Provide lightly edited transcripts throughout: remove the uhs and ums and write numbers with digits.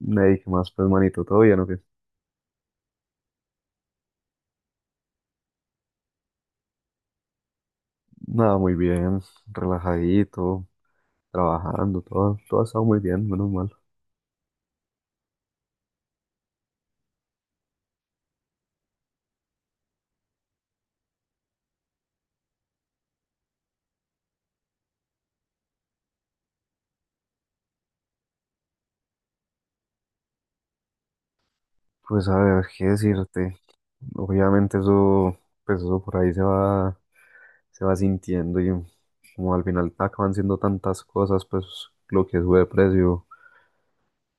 Ney, ¿qué más, pues, manito? ¿Todo bien o qué? Nada, muy bien, relajadito, trabajando, todo ha estado muy bien, menos mal. Pues, a ver, ¿qué decirte? Obviamente eso, pues eso por ahí se va sintiendo y como al final te acaban siendo tantas cosas, pues lo que sube de precio,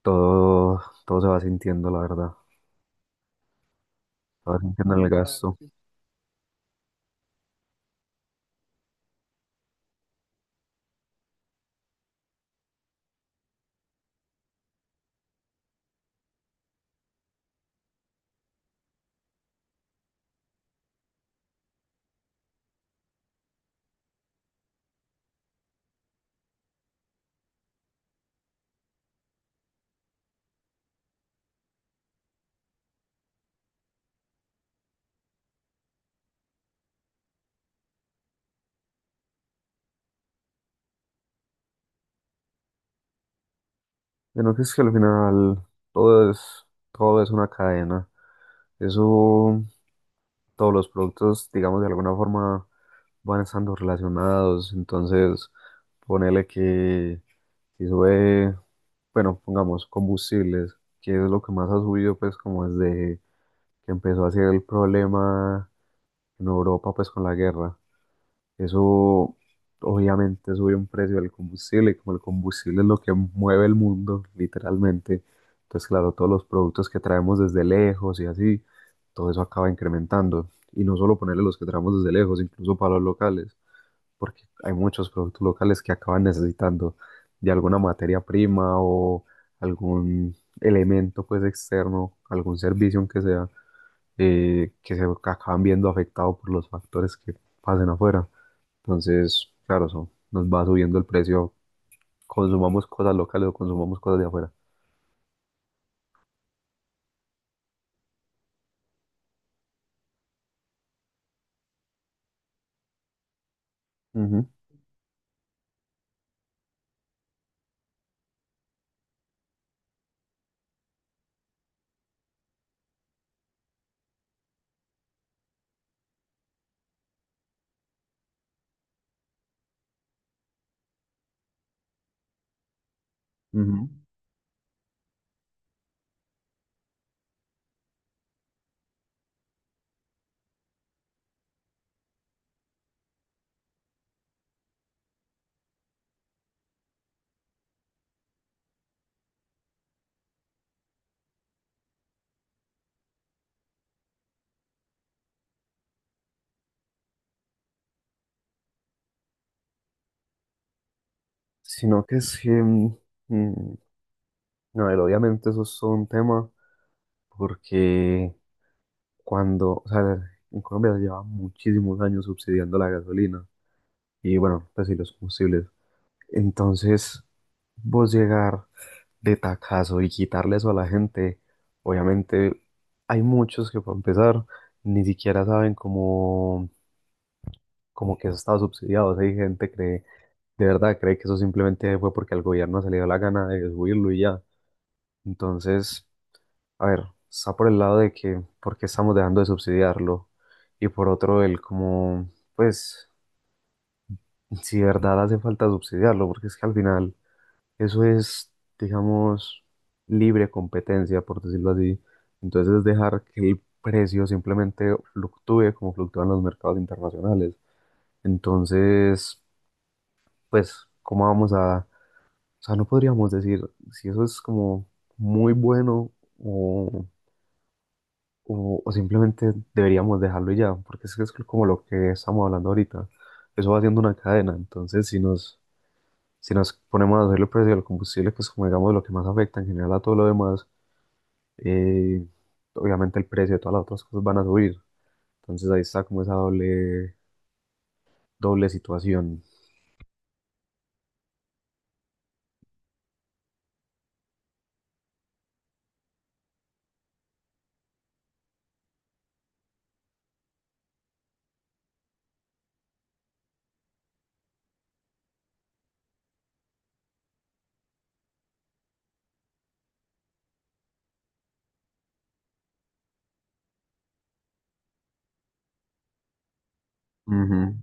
todo, todo se va sintiendo, la verdad, se va sintiendo en el gasto. Bueno, que es que al final todo es, todo es una cadena, eso. Todos los productos, digamos, de alguna forma van estando relacionados. Entonces, ponele que si sube, bueno, pongamos combustibles, que es lo que más ha subido, pues, como desde que empezó a ser el problema en Europa, pues, con la guerra. Eso obviamente sube un precio del combustible y como el combustible es lo que mueve el mundo, literalmente. Entonces, claro, todos los productos que traemos desde lejos y así, todo eso acaba incrementando. Y no solo ponerle los que traemos desde lejos, incluso para los locales, porque hay muchos productos locales que acaban necesitando de alguna materia prima o algún elemento pues externo, algún servicio aunque sea, que se acaban viendo afectado por los factores que pasen afuera. Entonces, claro, eso nos va subiendo el precio, consumamos cosas locales o consumamos cosas de afuera. Ujú, ujú. Sino que es que, mm, no, pero obviamente eso es todo un tema, porque cuando, o sea, en Colombia se lleva muchísimos años subsidiando la gasolina y bueno, pues sí, los combustibles. Entonces, vos llegar de tacazo y quitarle eso a la gente, obviamente hay muchos que para empezar ni siquiera saben cómo como que eso estaba subsidiado. O sea, hay gente que cree, de verdad cree que eso simplemente fue porque al gobierno se le dio la gana de subirlo y ya. Entonces, a ver, está por el lado de que por qué estamos dejando de subsidiarlo y por otro el como, pues, si de verdad hace falta subsidiarlo, porque es que al final eso es, digamos, libre competencia, por decirlo así. Entonces es dejar que el precio simplemente fluctúe como fluctúan los mercados internacionales. Entonces, pues, ¿cómo vamos a...? O sea, no podríamos decir si eso es como muy bueno o, o simplemente deberíamos dejarlo y ya, porque es que es como lo que estamos hablando ahorita. Eso va haciendo una cadena, entonces si nos ponemos a hacer el precio del combustible, que es como digamos lo que más afecta en general a todo lo demás, eh, obviamente el precio de todas las otras cosas van a subir. Entonces ahí está como esa doble, doble situación. Ujú.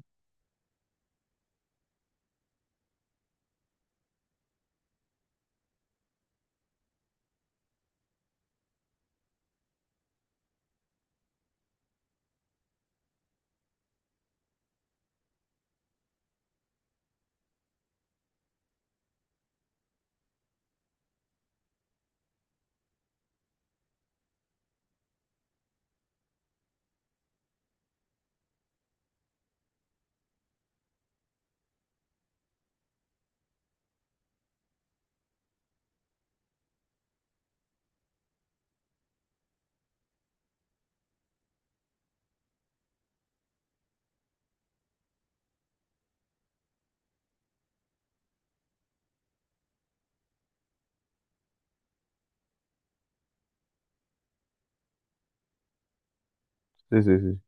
Sí, sí, sí.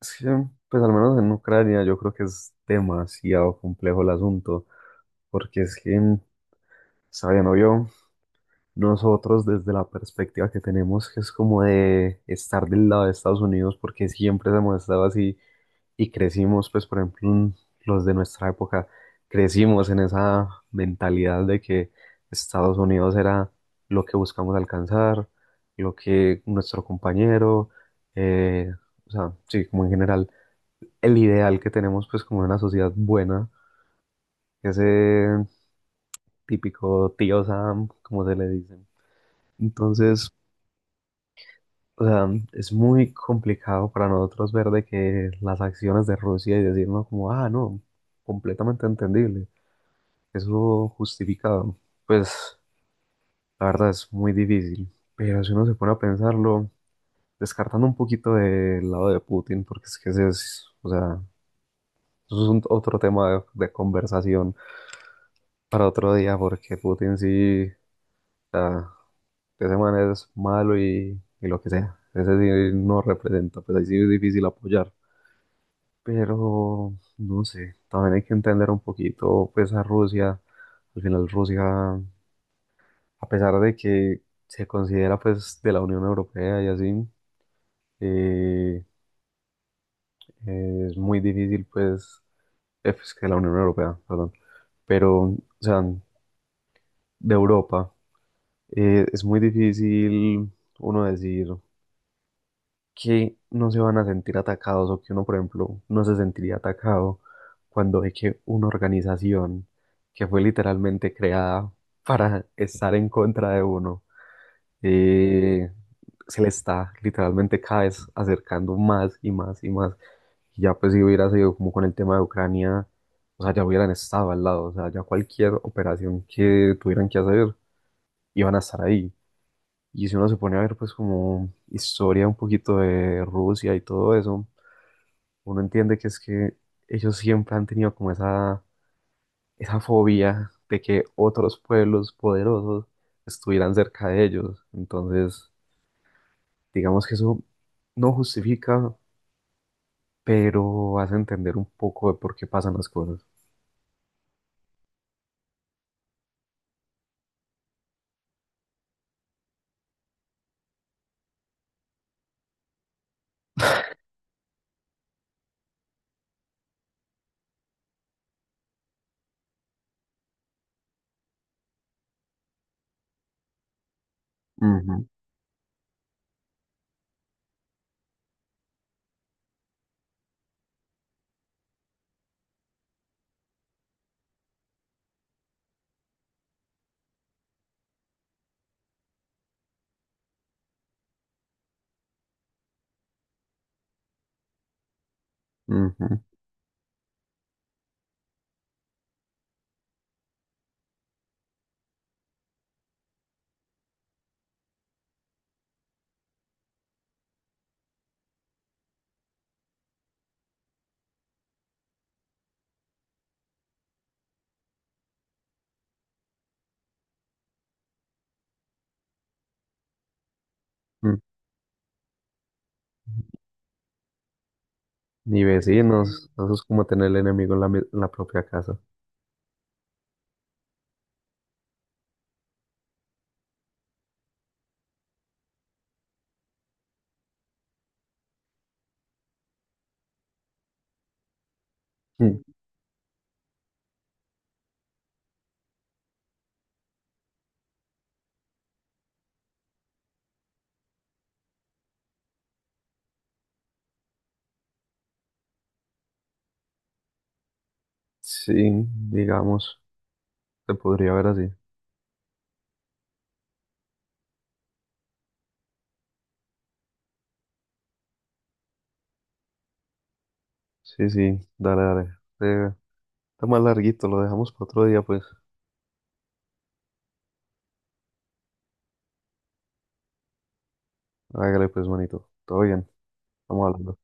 Es que, pues al menos en Ucrania yo creo que es demasiado complejo el asunto, porque es que, sabiendo yo, nosotros desde la perspectiva que tenemos, que es como de estar del lado de Estados Unidos, porque siempre hemos estado así y crecimos, pues por ejemplo, en los de nuestra época, crecimos en esa mentalidad de que Estados Unidos era lo que buscamos alcanzar, lo que nuestro compañero, eh, o sea, sí, como en general el ideal que tenemos pues como de una sociedad buena, ese típico Tío Sam, como se le dice. Entonces, o sea, es muy complicado para nosotros ver de que las acciones de Rusia y decirnos como, ah, no, completamente entendible, eso justificado, pues la verdad es muy difícil. Pero si uno se pone a pensarlo, descartando un poquito del lado de Putin, porque es que ese es, o sea, eso es otro tema de conversación para otro día, porque Putin sí, o sea, ese man es malo y lo que sea. Ese sí no representa, pues ahí sí es difícil apoyar. Pero, no sé, también hay que entender un poquito, pues, a Rusia. Al final Rusia, a pesar de que se considera, pues, de la Unión Europea y así, eh, es muy difícil, pues, pues, que la Unión Europea, perdón. Pero, o sea, de Europa. Es muy difícil uno decir que no se van a sentir atacados o que uno, por ejemplo, no se sentiría atacado cuando ve que una organización que fue literalmente creada para estar en contra de uno, eh, se le está literalmente cada vez acercando más y más y más. Y ya pues si hubiera sido como con el tema de Ucrania, o sea, ya hubieran estado al lado, o sea, ya cualquier operación que tuvieran que hacer, iban a estar ahí. Y si uno se pone a ver pues como historia un poquito de Rusia y todo eso, uno entiende que es que ellos siempre han tenido como esa fobia de que otros pueblos poderosos estuvieran cerca de ellos. Entonces, digamos que eso no justifica, pero hace entender un poco de por qué pasan las cosas. Ujú, ujú, ujú. Ni vecinos, eso es como tener el enemigo en la propia casa. Mm, sí, digamos, se podría ver así. Sí, sí, dale, dale. Eh, Está más larguito, lo dejamos para otro día, pues. Hágale, pues, manito. Todo bien, estamos hablando.